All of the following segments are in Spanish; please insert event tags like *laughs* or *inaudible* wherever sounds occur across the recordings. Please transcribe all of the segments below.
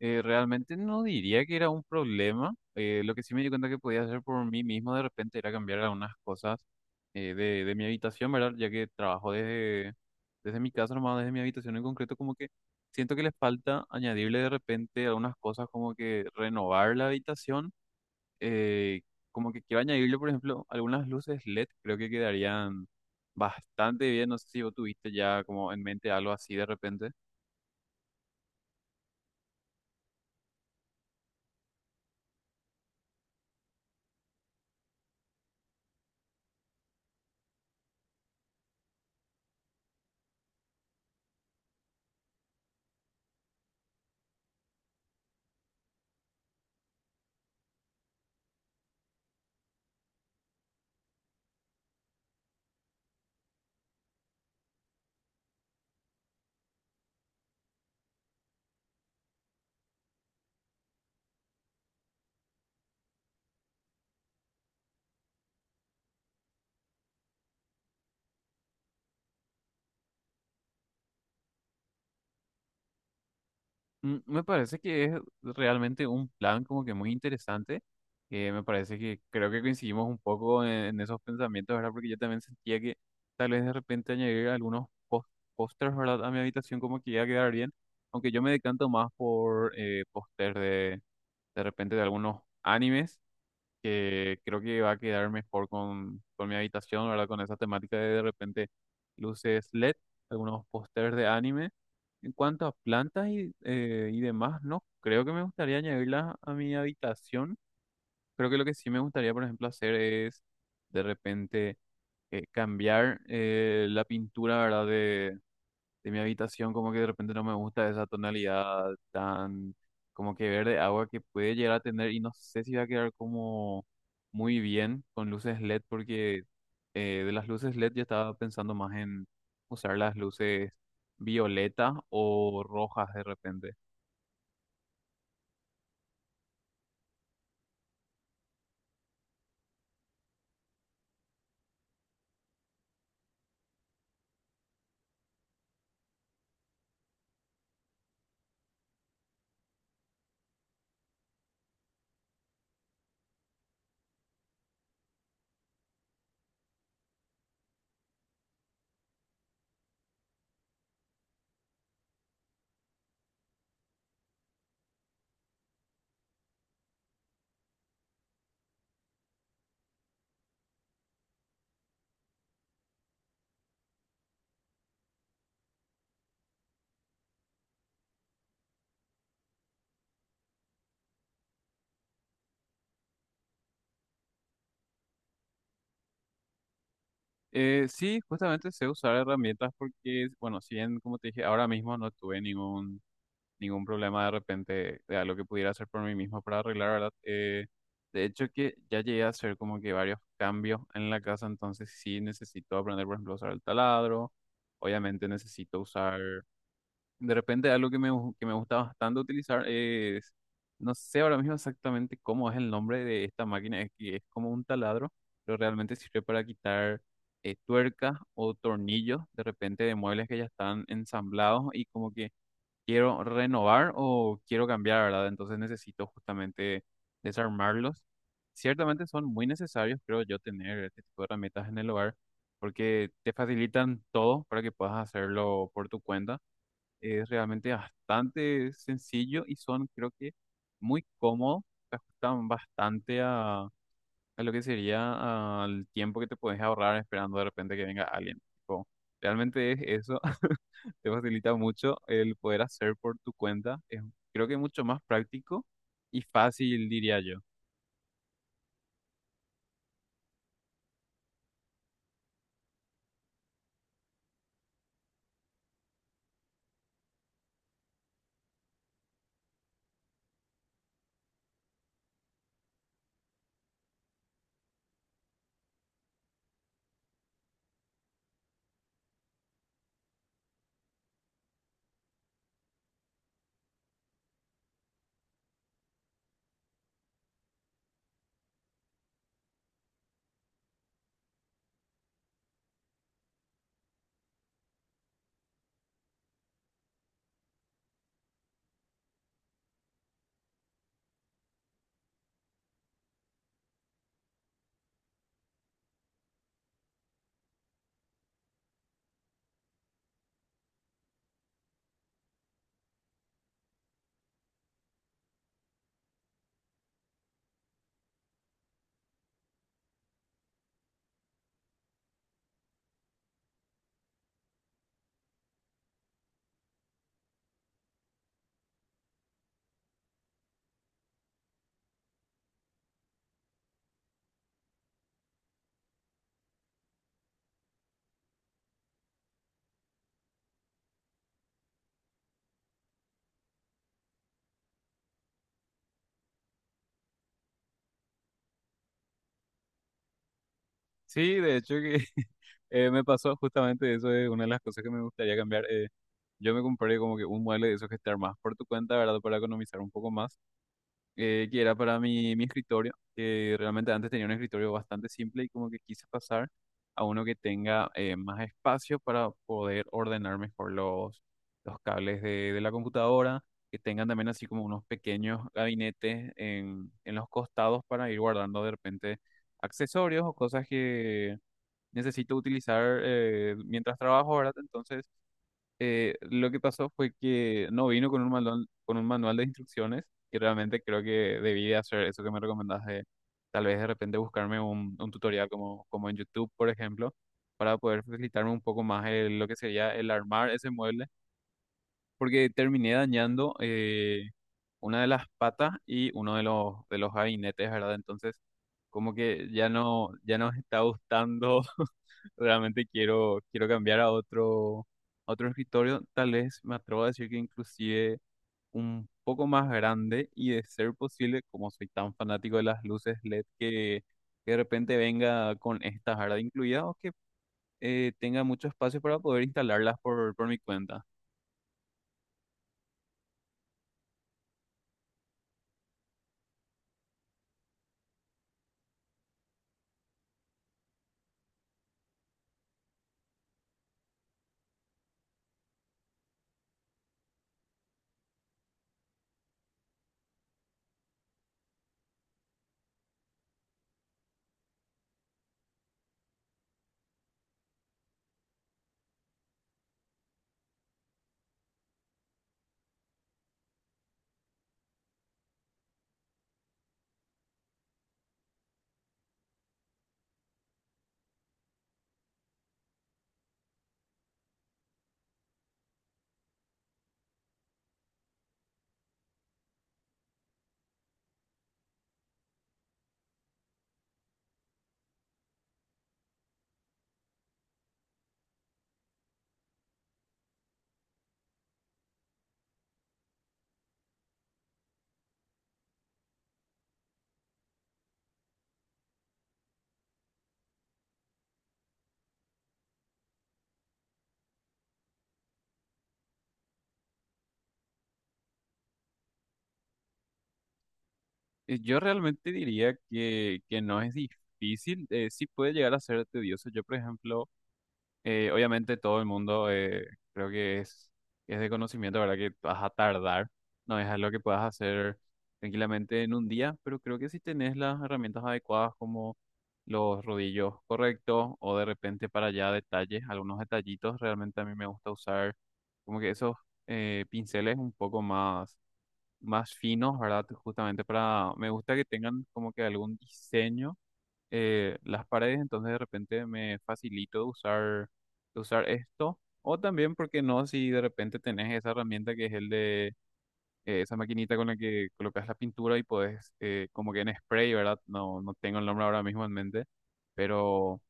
Realmente no diría que era un problema. Lo que sí me di cuenta que podía hacer por mí mismo de repente era cambiar algunas cosas de, mi habitación, ¿verdad? Ya que trabajo desde, desde mi casa, nomás desde mi habitación en concreto, como que siento que les falta añadirle de repente algunas cosas como que renovar la habitación. eh, Como que quiero añadirle, por ejemplo, algunas luces LED, creo que quedarían bastante bien. No sé si vos tuviste ya como en mente algo así de repente. Mm, me parece que es realmente un plan como que muy interesante, que me parece que creo que coincidimos un poco en, esos pensamientos, ¿verdad? Porque yo también sentía que tal vez de repente añadir algunos pósters, ¿verdad? A mi habitación como que iba a quedar bien, aunque yo me decanto más por póster de repente de algunos animes que creo que va a quedar mejor con, mi habitación, ¿verdad? Con esa temática de repente luces LED, algunos pósters de anime. En cuanto a plantas y demás, no creo que me gustaría añadirlas a mi habitación. Creo que lo que sí me gustaría, por ejemplo, hacer es de repente cambiar la pintura, ¿verdad? De mi habitación, como que de repente no me gusta esa tonalidad tan como que verde agua que puede llegar a tener y no sé si va a quedar como muy bien con luces LED porque de las luces LED yo estaba pensando más en usar las luces violeta o rojas de repente. Sí, justamente sé usar herramientas porque, bueno, si bien, como te dije, ahora mismo no tuve ningún problema de repente de algo que pudiera hacer por mí mismo para arreglar, ¿verdad? De hecho que ya llegué a hacer como que varios cambios en la casa, entonces sí necesito aprender, por ejemplo, a usar el taladro, obviamente necesito usar, de repente algo que me, que me gusta bastante utilizar es, no sé ahora mismo exactamente cómo es el nombre de esta máquina, es que es como un taladro, pero realmente sirve para quitar tuercas o tornillos de repente de muebles que ya están ensamblados y como que quiero renovar o quiero cambiar, ¿verdad? Entonces necesito justamente desarmarlos. Ciertamente son muy necesarios, creo yo, tener este tipo de herramientas en el hogar porque te facilitan todo para que puedas hacerlo por tu cuenta. Es realmente bastante sencillo y son, creo que, muy cómodos. Se ajustan bastante a lo que sería al tiempo que te puedes ahorrar esperando de repente que venga alguien. Tipo, realmente es eso, *laughs* te facilita mucho el poder hacer por tu cuenta. Es, creo que mucho más práctico y fácil, diría yo. Sí, de hecho que *laughs* me pasó justamente eso, es una de las cosas que me gustaría cambiar. Yo me compré como que un mueble de esos que te armas por tu cuenta, ¿verdad? Para economizar un poco más. Que era para mi, escritorio, que realmente antes tenía un escritorio bastante simple y como que quise pasar a uno que tenga más espacio para poder ordenar mejor los cables de, la computadora, que tengan también así como unos pequeños gabinetes en, los costados para ir guardando de repente accesorios o cosas que necesito utilizar mientras trabajo, ¿verdad? Entonces lo que pasó fue que no vino con un manual de instrucciones y realmente creo que debí de hacer eso que me recomendaste, tal vez de repente buscarme un, tutorial como, como en YouTube, por ejemplo, para poder facilitarme un poco más lo que sería el armar ese mueble, porque terminé dañando. Una de las patas y uno de los, gabinetes, ¿verdad? Entonces, como que ya no, me está gustando, *laughs* realmente quiero, cambiar a otro escritorio, tal vez me atrevo a decir que inclusive un poco más grande y de ser posible, como soy tan fanático de las luces LED, que, de repente venga con estas, ¿verdad? Incluidas o que tenga mucho espacio para poder instalarlas por, mi cuenta. Yo realmente diría que, no es difícil, sí puede llegar a ser tedioso. Yo, por ejemplo, obviamente todo el mundo creo que es de conocimiento, ¿verdad? Que vas a tardar, no es algo que puedas hacer tranquilamente en un día, pero creo que si tenés las herramientas adecuadas como los rodillos correctos o de repente para allá detalles, algunos detallitos, realmente a mí me gusta usar como que esos pinceles un poco más finos, ¿verdad? Justamente para, me gusta que tengan como que algún diseño las paredes, entonces de repente me facilito de usar, esto. O también, ¿porque no? Si de repente tenés esa herramienta que es el de esa maquinita con la que colocas la pintura y podés, como que en spray, ¿verdad? No, no tengo el nombre ahora mismo en mente, pero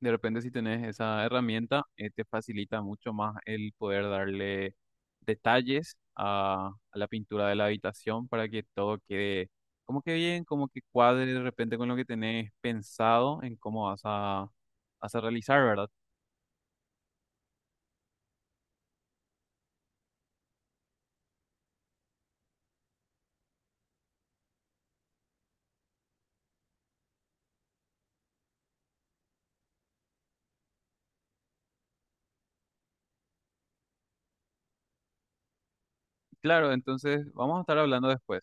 de repente, si tenés esa herramienta, te facilita mucho más el poder darle detalles a, la pintura de la habitación para que todo quede como que bien, como que cuadre de repente con lo que tenés pensado en cómo vas a, realizar, ¿verdad? Claro, entonces vamos a estar hablando después.